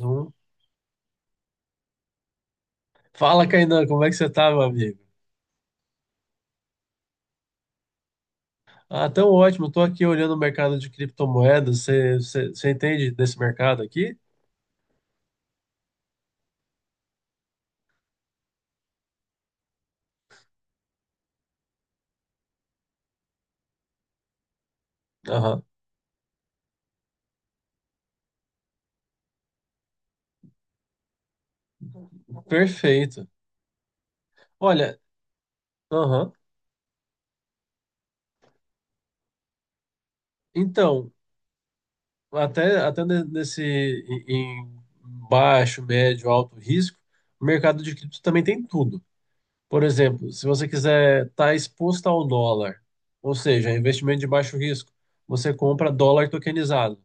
Zoom. Fala, Kainan, como é que você tá, meu amigo? Ah, tão ótimo. Tô aqui olhando o mercado de criptomoedas. Você entende desse mercado aqui? Aham. Perfeito. Olha, aham. Então, até nesse em baixo, médio, alto risco, o mercado de cripto também tem tudo. Por exemplo, se você quiser estar exposto ao dólar, ou seja, investimento de baixo risco, você compra dólar tokenizado.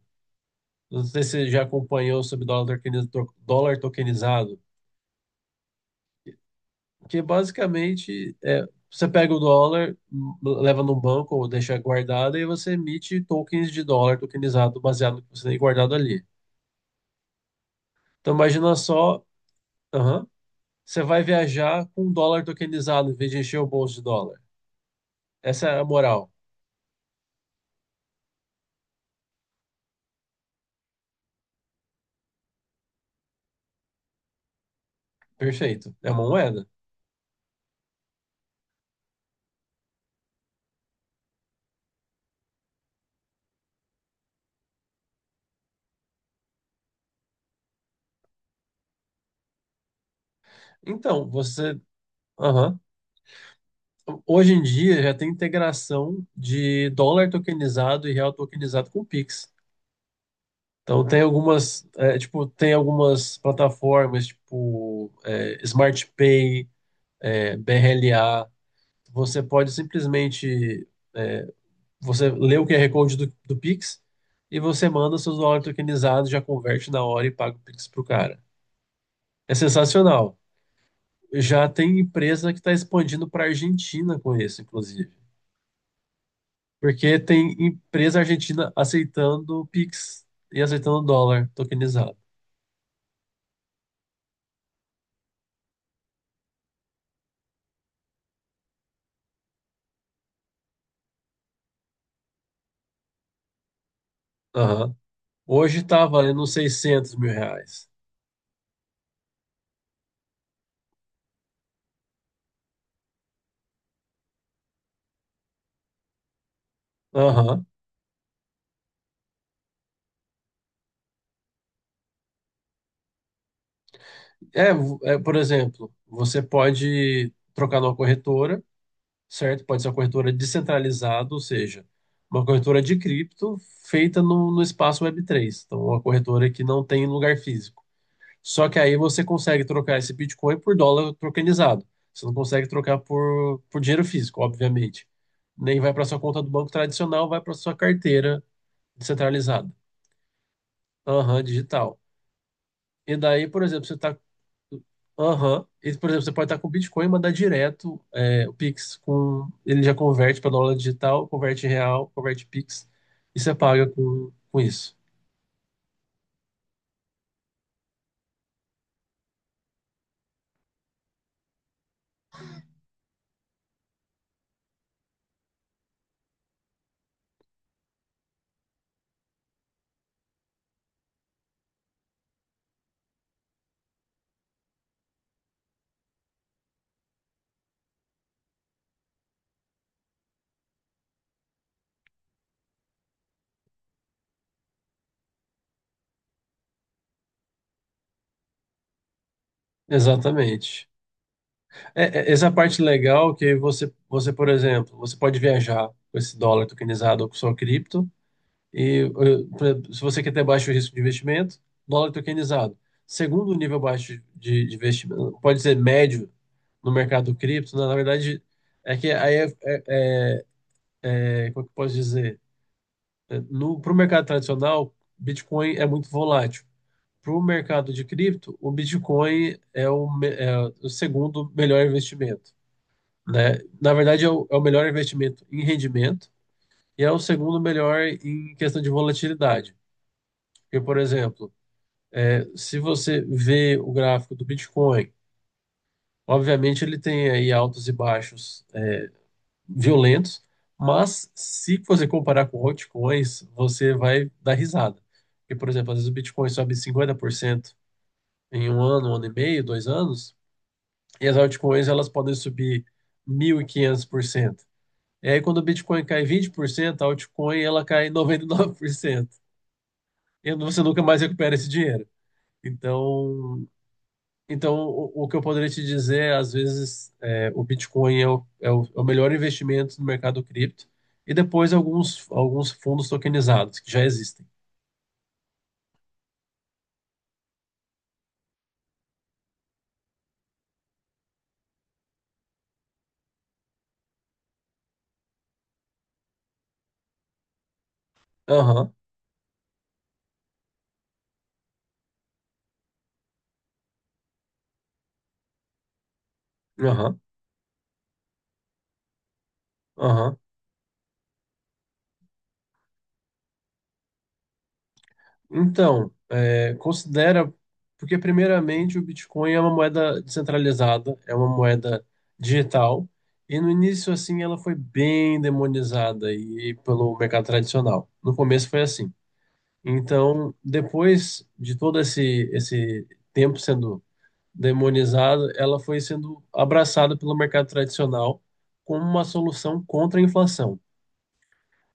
Não sei se você já acompanhou sobre dólar tokenizado, que basicamente você pega o dólar, leva num banco ou deixa guardado e você emite tokens de dólar tokenizado baseado no que você tem guardado ali. Então imagina só, aham, você vai viajar com um dólar tokenizado em vez de encher o bolso de dólar. Essa é a moral. Perfeito. É uma moeda. Então, você, aham. Hoje em dia já tem integração de dólar tokenizado e real tokenizado com o Pix. Então tipo, tem algumas plataformas, tipo Smart Pay, BRLA. Você pode simplesmente é, você lê o QR Code do Pix e você manda seus dólares tokenizados, já converte na hora e paga o Pix pro cara. É sensacional. Já tem empresa que está expandindo para a Argentina com isso, inclusive. Porque tem empresa argentina aceitando Pix e aceitando dólar tokenizado. Aham. Hoje está valendo uns 600 mil reais. Aham. Por exemplo, você pode trocar numa corretora, certo? Pode ser uma corretora descentralizada, ou seja, uma corretora de cripto feita no espaço web três. Então, uma corretora que não tem lugar físico. Só que aí você consegue trocar esse Bitcoin por dólar tokenizado. Você não consegue trocar por dinheiro físico, obviamente. Nem vai para sua conta do banco tradicional, vai para sua carteira descentralizada. Aham, digital. E daí, por exemplo, você tá. Aham. E, por exemplo, você pode estar com Bitcoin e mandar direto o Pix com. Ele já converte para dólar digital, converte em real, converte Pix e você paga com isso. Exatamente. É, essa parte legal é que por exemplo, você pode viajar com esse dólar tokenizado ou com sua cripto. Se você quer ter baixo risco de investimento, dólar tokenizado. Segundo nível baixo de investimento, pode ser médio no mercado cripto, na verdade, é que aí como é que eu posso dizer? É, no, para o mercado tradicional, Bitcoin é muito volátil. Para o mercado de cripto, o Bitcoin é o segundo melhor investimento, né? Na verdade, é o melhor investimento em rendimento e é o segundo melhor em questão de volatilidade. Porque, por exemplo, se você vê o gráfico do Bitcoin, obviamente ele tem aí altos e baixos violentos, mas se você comparar com altcoins, você vai dar risada. Porque, por exemplo, às vezes o Bitcoin sobe 50% em um ano e meio, dois anos, e as altcoins elas podem subir mil e quinhentos por cento. E aí quando o Bitcoin cai 20%, a altcoin ela cai 99% e você nunca mais recupera esse dinheiro. Então, Então, o que eu poderia te dizer, às vezes, o Bitcoin é o melhor investimento no mercado cripto, e depois alguns fundos tokenizados que já existem. Aham, aham, aham. Então, considera, porque primeiramente o Bitcoin é uma moeda descentralizada, é uma moeda digital, e no início assim ela foi bem demonizada e pelo mercado tradicional. No começo foi assim. Então, depois de todo esse tempo sendo demonizada, ela foi sendo abraçada pelo mercado tradicional como uma solução contra a inflação.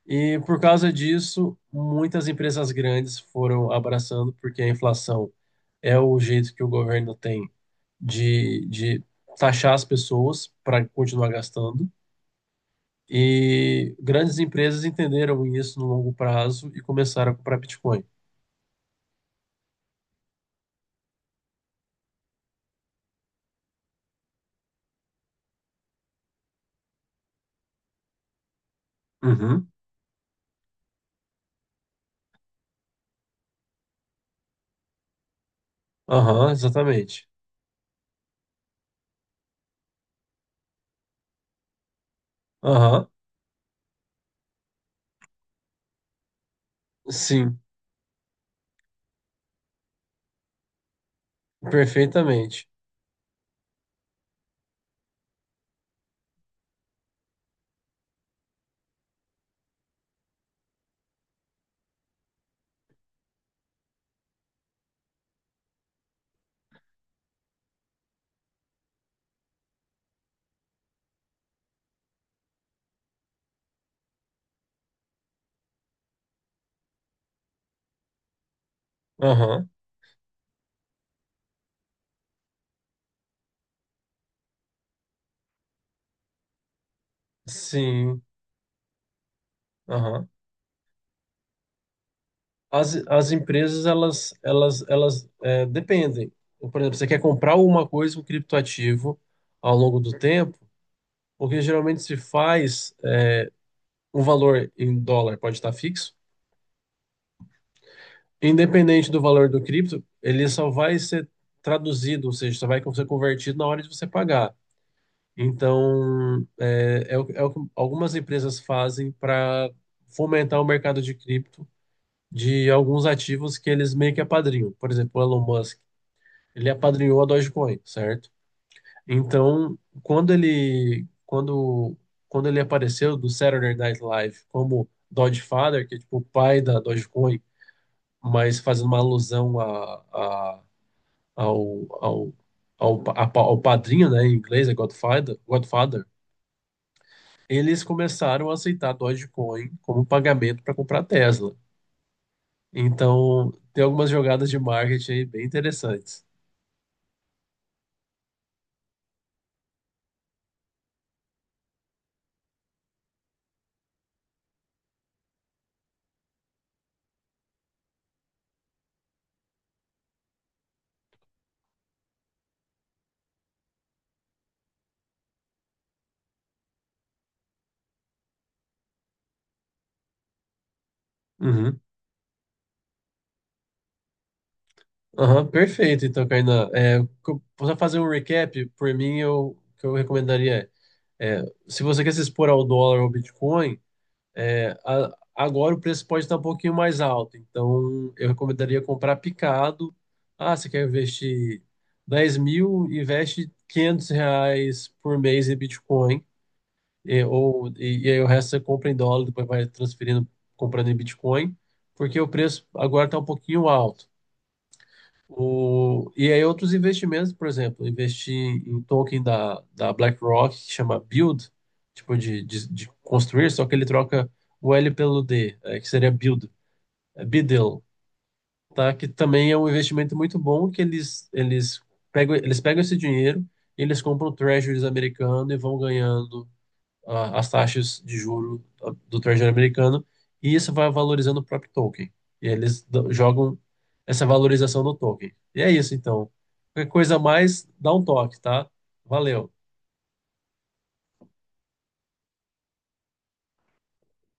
E por causa disso, muitas empresas grandes foram abraçando, porque a inflação é o jeito que o governo tem de taxar as pessoas para continuar gastando. E grandes empresas entenderam isso no longo prazo e começaram a comprar Bitcoin. Uhum. Aham, exatamente. Aham, sim, perfeitamente. Aham, sim. Aham. As empresas, dependem. Então, por exemplo, você quer comprar alguma coisa, um criptoativo, ao longo do tempo, porque geralmente se faz um valor em dólar, pode estar fixo, independente do valor do cripto, ele só vai ser traduzido, ou seja, só vai ser convertido na hora de você pagar. Então, é o que algumas empresas fazem para fomentar o mercado de cripto de alguns ativos que eles meio que apadrinham. Por exemplo, o Elon Musk. Ele apadrinhou a Dogecoin, certo? Então, quando ele quando quando ele apareceu do Saturday Night Live como Dogefather, que é tipo o pai da Dogecoin, mas fazendo uma alusão ao, ao, ao padrinho, né, em inglês é Godfather, eles começaram a aceitar Dogecoin como pagamento para comprar Tesla. Então, tem algumas jogadas de marketing aí bem interessantes. Uhum. Aham, perfeito, então, Kainan. Para fazer um recap, por mim, o que eu recomendaria é, é, se você quer se expor ao dólar ou ao Bitcoin, agora o preço pode estar um pouquinho mais alto. Então, eu recomendaria comprar picado. Ah, você quer investir 10 mil, investe 500 reais por mês em Bitcoin. E aí o resto você compra em dólar, depois vai transferindo, comprando em Bitcoin, porque o preço agora está um pouquinho alto. E aí outros investimentos, por exemplo, investir em token da BlackRock, que chama Build, tipo de construir, só que ele troca o L pelo D, que seria Build, é Biddle, tá? Que também é um investimento muito bom, que eles pegam esse dinheiro, eles compram treasuries americano e vão ganhando as taxas de juro do Treasury americano e isso vai valorizando o próprio token. E eles jogam essa valorização no token. E é isso, então. Qualquer coisa a mais, dá um toque, tá? Valeu.